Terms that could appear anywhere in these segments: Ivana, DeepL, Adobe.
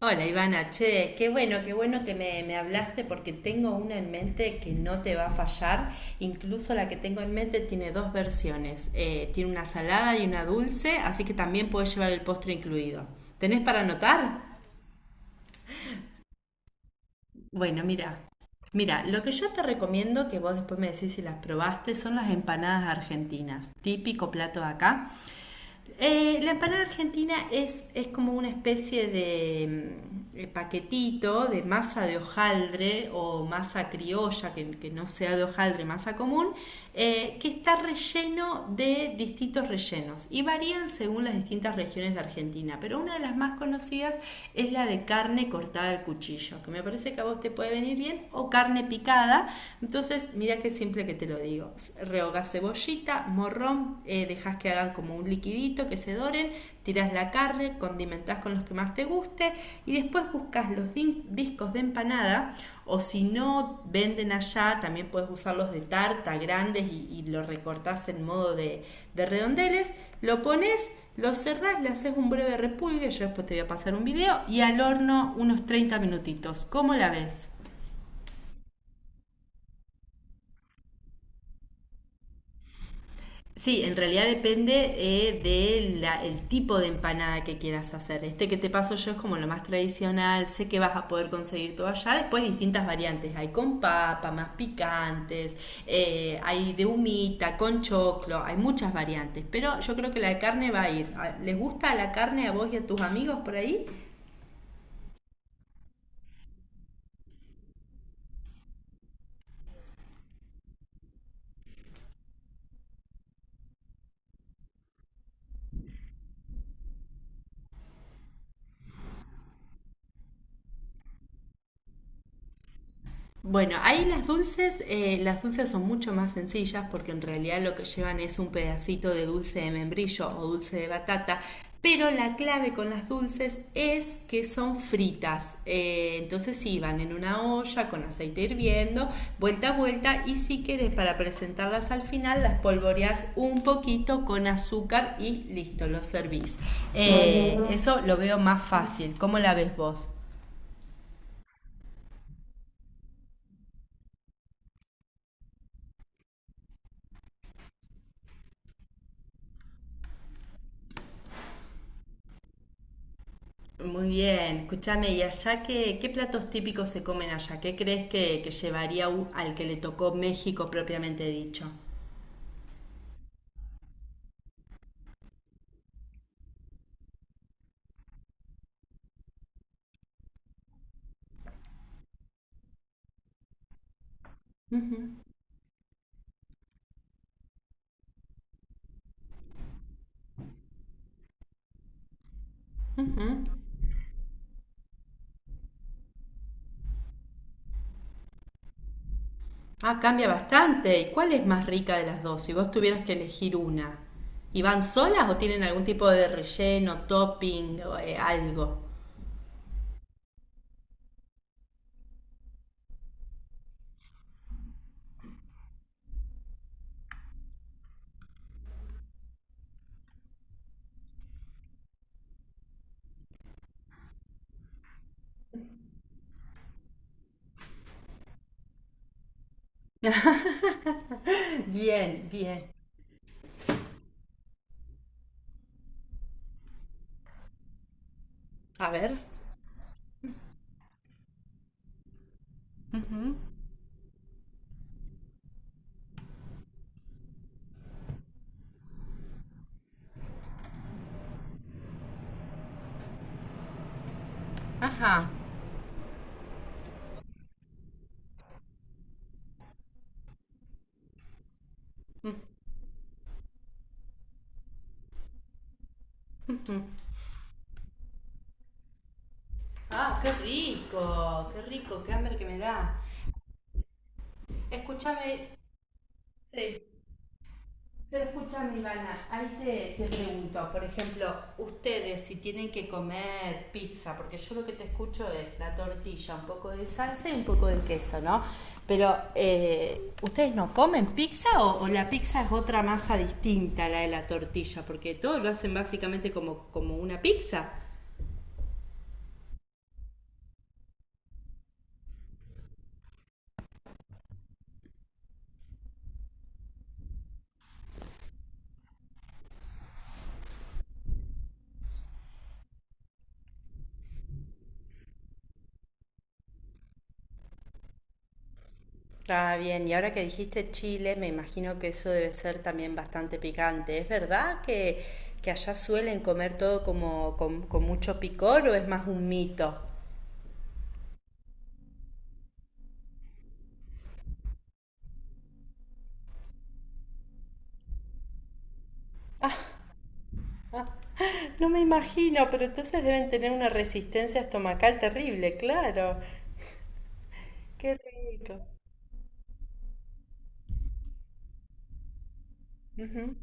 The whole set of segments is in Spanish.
Hola Ivana, che, qué bueno que me hablaste porque tengo una en mente que no te va a fallar. Incluso la que tengo en mente tiene dos versiones. Tiene una salada y una dulce, así que también puedes llevar el postre incluido. ¿Tenés para anotar? Bueno, mira. Mira, lo que yo te recomiendo, que vos después me decís si las probaste, son las empanadas argentinas, típico plato de acá. La empanada argentina es como una especie de paquetito de masa de hojaldre o masa criolla, que no sea de hojaldre, masa común, que está relleno de distintos rellenos y varían según las distintas regiones de Argentina, pero una de las más conocidas es la de carne cortada al cuchillo, que me parece que a vos te puede venir bien, o carne picada, entonces mira que siempre que te lo digo digo, rehogás cebollita, morrón, dejas que hagan como un liquidito, que se doren, tiras la carne, condimentás con los que más te guste y después buscas los discos de empanada o si no venden allá, también puedes usar los de tarta grandes y lo recortás en modo de redondeles, lo pones, lo cerrás, le haces un breve repulgue, yo después te voy a pasar un video y al horno unos 30 minutitos. ¿Cómo la ves? Sí, en realidad depende del el tipo de empanada que quieras hacer. Este que te paso yo es como lo más tradicional, sé que vas a poder conseguir todo allá. Después distintas variantes, hay con papa, más picantes, hay de humita, con choclo, hay muchas variantes. Pero yo creo que la de carne va a ir. Ah, ¿les gusta la carne a vos y a tus amigos por ahí? Bueno, ahí las dulces son mucho más sencillas porque en realidad lo que llevan es un pedacito de dulce de membrillo o dulce de batata, pero la clave con las dulces es que son fritas. Entonces sí, van en una olla con aceite hirviendo, vuelta a vuelta y si querés para presentarlas al final las polvoreás un poquito con azúcar y listo, lo servís. Eso lo veo más fácil. ¿Cómo la ves vos? Muy bien, escúchame, ¿y allá qué, qué platos típicos se comen allá? ¿Qué crees que llevaría u- al que le tocó México propiamente dicho? ¿Mm? Ah, cambia bastante. ¿Y cuál es más rica de las dos? Si vos tuvieras que elegir una. ¿Y van solas o tienen algún tipo de relleno, topping o algo? Bien, bien. A ver. Ajá. Mm. Ah, qué rico, qué rico, qué hambre que me da. Escúchame, sí, pero escúchame, Ivana, ahí te pregunto, por ejemplo, ustedes si tienen que comer pizza, porque yo lo que te escucho es la tortilla, un poco de salsa y un poco de queso, ¿no? Pero, ¿ustedes no comen pizza o la pizza es otra masa distinta a la de la tortilla? Porque todo lo hacen básicamente como, como una pizza. Ah, bien, y ahora que dijiste Chile, me imagino que eso debe ser también bastante picante. ¿Es verdad que allá suelen comer todo como con mucho picor o es más un mito? Ah, no me imagino, pero entonces deben tener una resistencia estomacal terrible, claro. Qué rico. Ujú.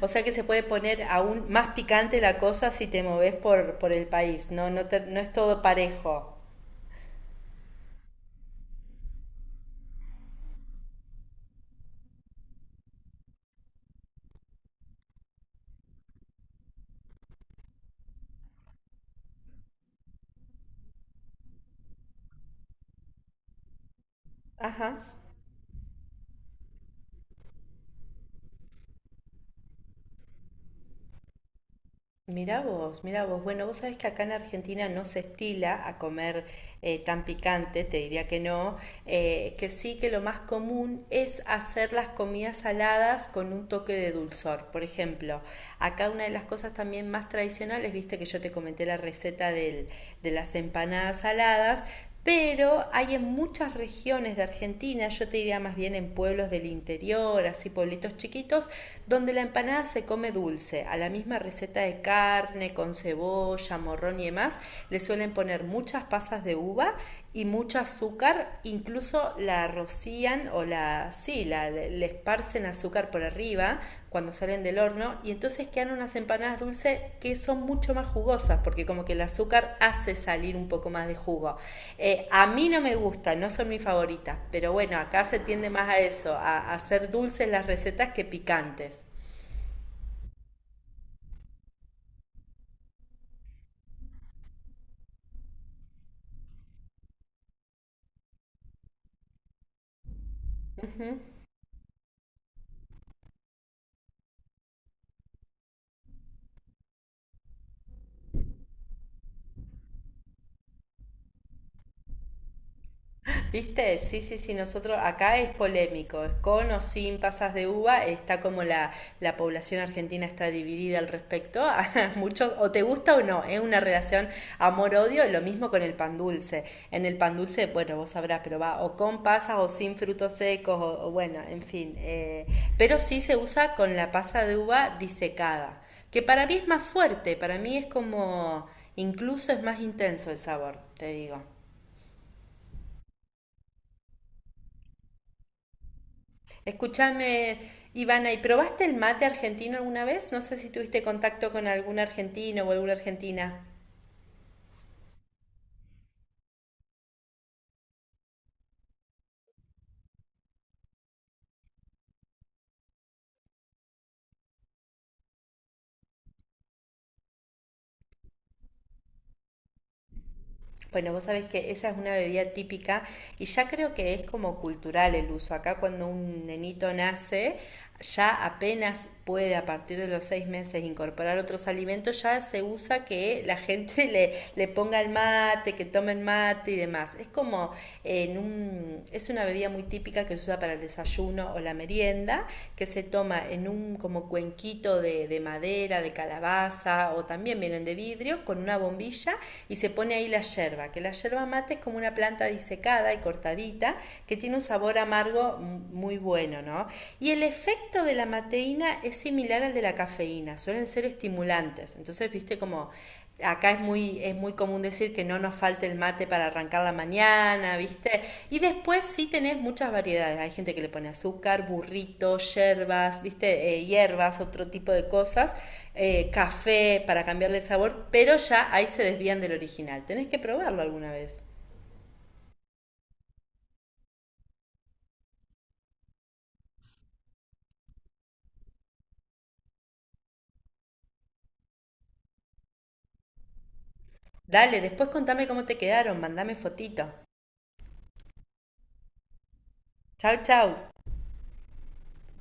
O sea que se puede poner aún más picante la cosa si te moves por el país, ¿no? No te- no es todo parejo. Ajá. Mirá vos, mirá vos. Bueno, vos sabés que acá en Argentina no se estila a comer tan picante, te diría que no, que sí que lo más común es hacer las comidas saladas con un toque de dulzor. Por ejemplo, acá una de las cosas también más tradicionales, viste que yo te comenté la receta del- de las empanadas saladas, pero hay en muchas regiones de Argentina, yo te diría más bien en pueblos del interior, así pueblitos chiquitos, donde la empanada se come dulce, a la misma receta de carne, con cebolla, morrón y demás, le suelen poner muchas pasas de uva y mucho azúcar, incluso la rocían sí, le esparcen azúcar por arriba cuando salen del horno y entonces quedan unas empanadas dulces que son mucho más jugosas porque como que el azúcar hace salir un poco más de jugo. A mí no me gustan, no son mis favoritas, pero bueno, acá se tiende más a eso, a hacer dulces las recetas que picantes. ¿Viste? Sí, sí, sí, nosotros acá es polémico, es con o sin pasas de uva, está como la población argentina está dividida al respecto, muchos o te gusta o no, es una relación amor-odio, lo mismo con el pan dulce. En el pan dulce, bueno, vos sabrás, pero va o con pasas o sin frutos secos, o bueno, en fin, pero sí se usa con la pasa de uva disecada, que para mí es más fuerte, para mí es como, incluso es más intenso el sabor, te digo. Escúchame, Ivana, ¿y probaste el mate argentino alguna vez? No sé si tuviste contacto con algún argentino o alguna argentina. Bueno, vos sabés que esa es una bebida típica y ya creo que es como cultural el uso. Acá cuando un nenito nace, ya apenas puede a partir de los 6 meses incorporar otros alimentos, ya se usa que la gente le ponga el mate, que tomen mate y demás. Es como en un, es una bebida muy típica que se usa para el desarrollo desayuno o la merienda, que se toma en un como cuenquito de madera, de calabaza o también vienen de vidrio, con una bombilla y se pone ahí la yerba, que la yerba mate es como una planta disecada y cortadita que tiene un sabor amargo muy bueno, ¿no? Y el efecto de la mateína es similar al de la cafeína, suelen ser estimulados estimulantes. Entonces, viste como acá es muy común decir que no nos falte el mate para arrancar la mañana, ¿viste? Y después sí tenés muchas variedades. Hay gente que le pone azúcar, burritos, yerbas, ¿viste? Hierbas, otro tipo de cosas, café para cambiarle el sabor, pero ya ahí se desvían del original. Tenés que probarlo alguna vez. Dale, después contame cómo te quedaron, mandame fotito. Chau, chau.